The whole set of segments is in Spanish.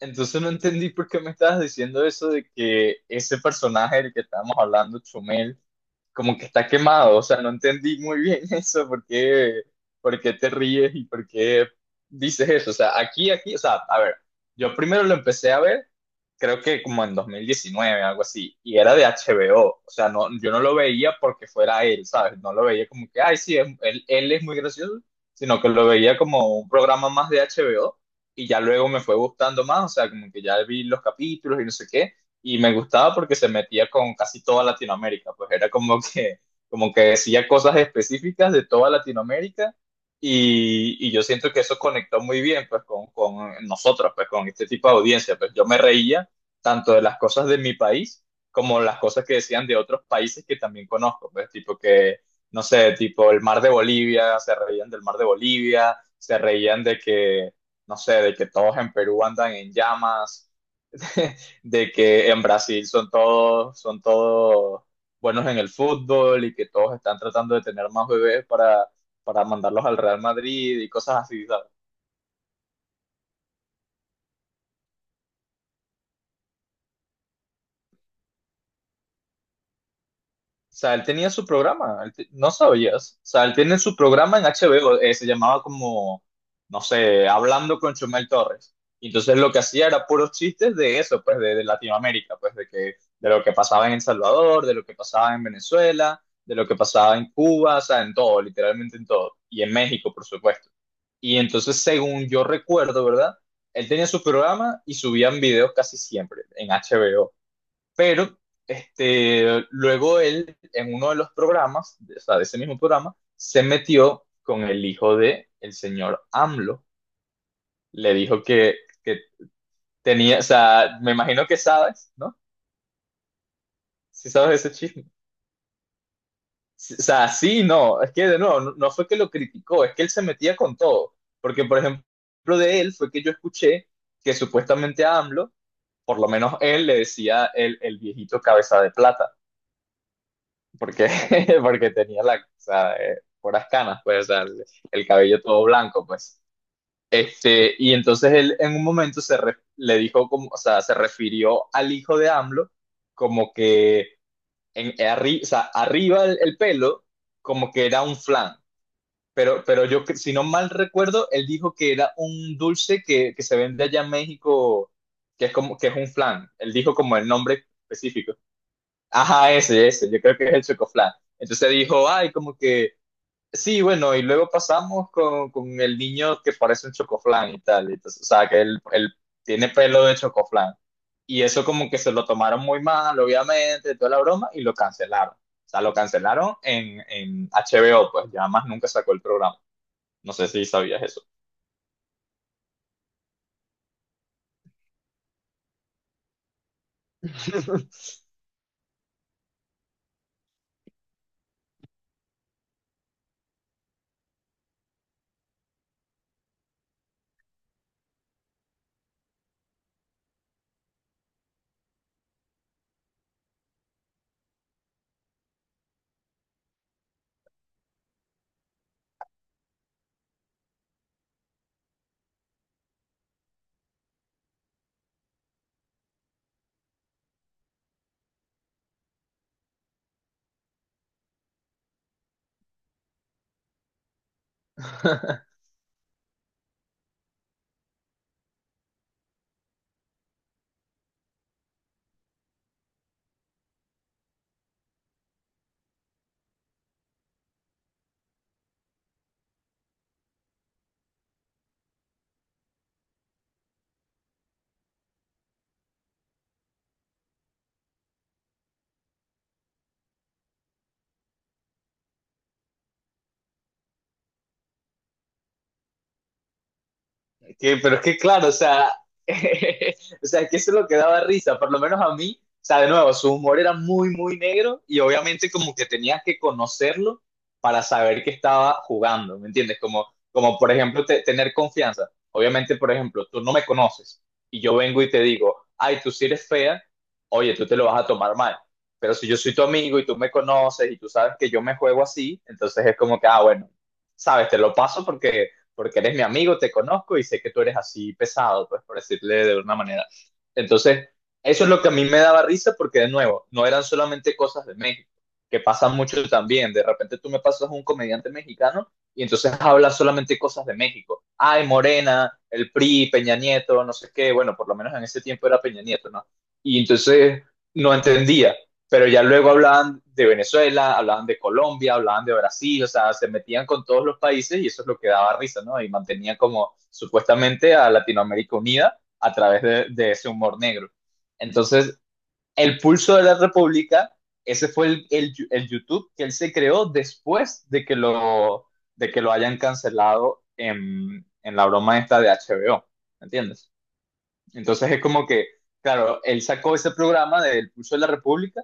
Entonces no entendí por qué me estabas diciendo eso de que ese personaje del que estábamos hablando, Chumel, como que está quemado. O sea, no entendí muy bien eso, por qué te ríes y por qué dices eso. O sea, aquí, o sea, a ver, yo primero lo empecé a ver, creo que como en 2019, algo así, y era de HBO. O sea, no, yo no lo veía porque fuera él, ¿sabes? No lo veía como que, ay, sí, él es muy gracioso, sino que lo veía como un programa más de HBO y ya luego me fue gustando más, o sea, como que ya vi los capítulos y no sé qué, y me gustaba porque se metía con casi toda Latinoamérica, pues era como que decía cosas específicas de toda Latinoamérica y yo siento que eso conectó muy bien pues con nosotros, pues con este tipo de audiencia, pues yo me reía tanto de las cosas de mi país como las cosas que decían de otros países que también conozco, pues tipo que, no sé, tipo el mar de Bolivia, se reían del mar de Bolivia, se reían de que no sé, de que todos en Perú andan en llamas, de que en Brasil son todos buenos en el fútbol y que todos están tratando de tener más bebés para mandarlos al Real Madrid y cosas así, ¿sabes? O sea, él tenía su programa, no sabías. O sea, él tiene su programa en HBO, se llamaba como, no sé, Hablando con Chumel Torres. Y entonces lo que hacía era puros chistes de eso, pues de Latinoamérica, pues de que, de lo que pasaba en El Salvador, de lo que pasaba en Venezuela, de lo que pasaba en Cuba, o sea, en todo, literalmente en todo. Y en México, por supuesto. Y entonces, según yo recuerdo, ¿verdad? Él tenía su programa y subían videos casi siempre en HBO. Pero este, luego él, en uno de los programas, o sea, de ese mismo programa, se metió con el hijo de el señor AMLO. Le dijo que tenía, o sea, me imagino que sabes, ¿no? Si sabes ese chisme. Sí, o sea, sí, no, es que de nuevo, no fue que lo criticó, es que él se metía con todo. Porque, por ejemplo, de él fue que yo escuché que supuestamente a AMLO, por lo menos él le decía el viejito cabeza de plata. Porque, porque tenía la, o sea, puras canas, pues, o sea, el cabello todo blanco, pues. Este, y entonces él en un momento le dijo como, o sea, se refirió al hijo de AMLO como que en, o sea, arriba el pelo como que era un flan, pero yo, si no mal recuerdo, él dijo que era un dulce que se vende allá en México, que es como, que es un flan, él dijo como el nombre específico. Ajá, ese, yo creo que es el chocoflan. Entonces dijo, ay, como que, sí, bueno, y luego pasamos con el niño que parece un chocoflan y tal. Entonces, o sea, que él tiene pelo de chocoflan. Y eso como que se lo tomaron muy mal, obviamente, toda la broma, y lo cancelaron. O sea, lo cancelaron en HBO, pues ya más nunca sacó el programa. No sé si sabías eso. Que, pero es que claro, o sea, o sea, que eso es lo que daba risa, por lo menos a mí, o sea, de nuevo, su humor era muy, muy negro y obviamente como que tenías que conocerlo para saber que estaba jugando, ¿me entiendes? Como, como por ejemplo, tener confianza. Obviamente, por ejemplo, tú no me conoces y yo vengo y te digo, ay, tú sí eres fea, oye, tú te lo vas a tomar mal. Pero si yo soy tu amigo y tú me conoces y tú sabes que yo me juego así, entonces es como que, ah, bueno, sabes, te lo paso porque eres mi amigo, te conozco y sé que tú eres así pesado, pues por decirle de una manera. Entonces, eso es lo que a mí me daba risa porque de nuevo, no eran solamente cosas de México, que pasan mucho también. De repente tú me pasas un comediante mexicano y entonces habla solamente cosas de México. Ay, Morena, el PRI, Peña Nieto, no sé qué, bueno, por lo menos en ese tiempo era Peña Nieto, ¿no? Y entonces no entendía pero ya luego hablaban de Venezuela, hablaban de Colombia, hablaban de Brasil, o sea, se metían con todos los países y eso es lo que daba risa, ¿no? Y mantenían como supuestamente a Latinoamérica unida a través de ese humor negro. Entonces, el pulso de la República, ese fue el YouTube que él se creó después de que lo hayan cancelado en la broma esta de HBO, ¿entiendes? Entonces es como que, claro, él sacó ese programa del Pulso de la República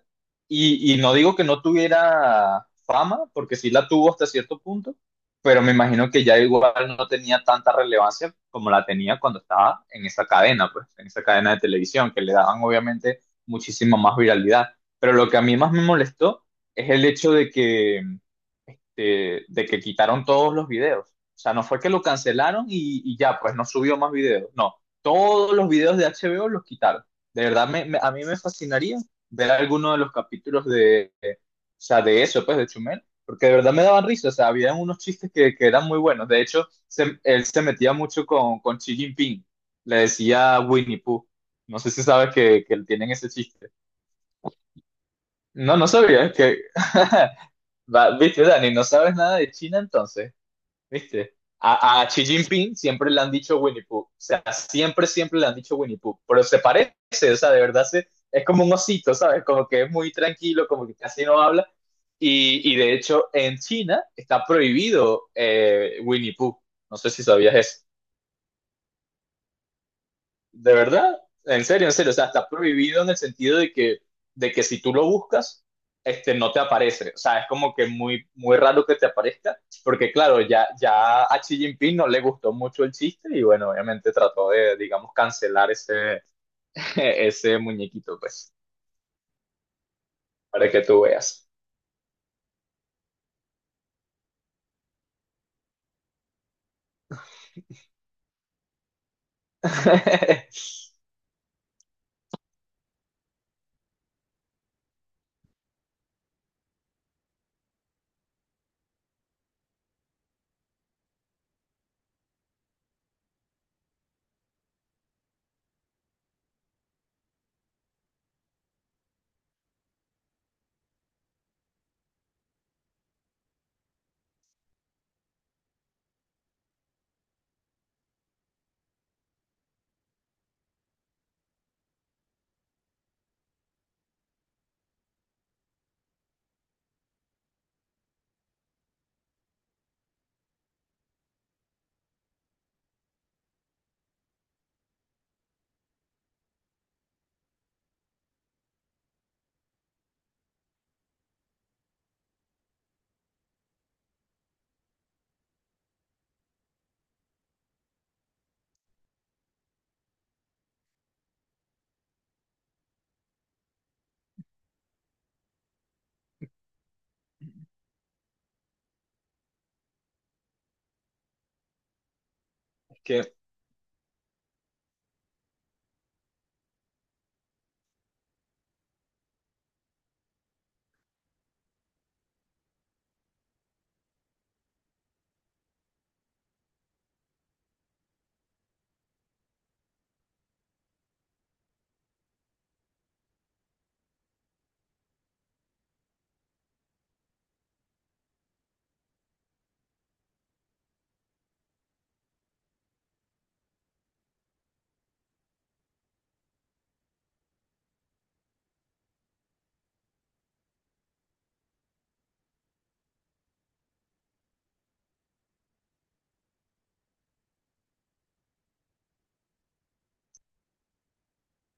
y no digo que no tuviera fama, porque sí la tuvo hasta cierto punto, pero me imagino que ya igual no tenía tanta relevancia como la tenía cuando estaba en esa cadena, pues, en esa cadena de televisión, que le daban obviamente muchísima más viralidad. Pero lo que a mí más me molestó es el hecho de que de que quitaron todos los videos. O sea, no fue que lo cancelaron y ya, pues no subió más videos. No, todos los videos de HBO los quitaron. De verdad, a mí me fascinaría ver alguno de los capítulos o sea, de eso, pues, de Chumel, porque de verdad me daban risa. O sea, había unos chistes que eran muy buenos. De hecho, él se metía mucho con Xi Jinping. Le decía Winnie Pooh. No sé si sabes que tienen ese chiste. No, no sabía. Es que... Va, viste, Dani, no sabes nada de China entonces. ¿Viste? A Xi Jinping siempre le han dicho Winnie Pooh. O sea, siempre, siempre le han dicho Winnie Pooh. Pero se parece, o sea, de verdad se, es como un osito, ¿sabes? Como que es muy tranquilo, como que casi no habla. Y de hecho, en China está prohibido Winnie Pooh. No sé si sabías eso. De verdad, en serio, o sea, está prohibido en el sentido de que si tú lo buscas, este, no te aparece. O sea, es como que muy, muy raro que te aparezca, porque claro, ya a Xi Jinping no le gustó mucho el chiste y bueno, obviamente trató de, digamos, cancelar ese, ese muñequito, pues, para que tú veas. Que,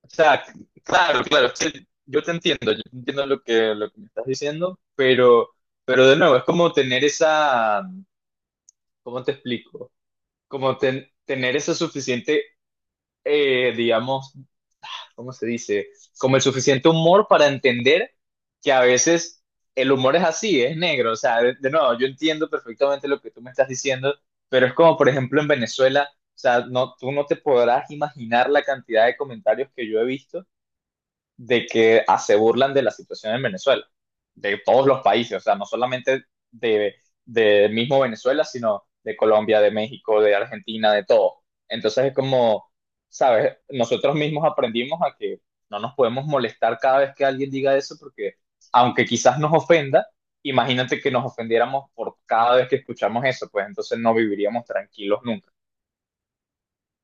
o sea, claro, claro, es que yo te entiendo lo que me estás diciendo, pero de nuevo, es como tener esa, ¿cómo te explico? Como tener ese suficiente, digamos, ¿cómo se dice? Como el suficiente humor para entender que a veces el humor es así, es negro. O sea, de nuevo, yo entiendo perfectamente lo que tú me estás diciendo, pero es como, por ejemplo, en Venezuela, o sea, no, tú no te podrás imaginar la cantidad de comentarios que yo he visto de que ah, se burlan de la situación en Venezuela, de todos los países, o sea, no solamente de, de mismo Venezuela, sino de Colombia, de México, de Argentina, de todo. Entonces es como, ¿sabes? Nosotros mismos aprendimos a que no nos podemos molestar cada vez que alguien diga eso, porque aunque quizás nos ofenda, imagínate que nos ofendiéramos por cada vez que escuchamos eso, pues entonces no viviríamos tranquilos nunca.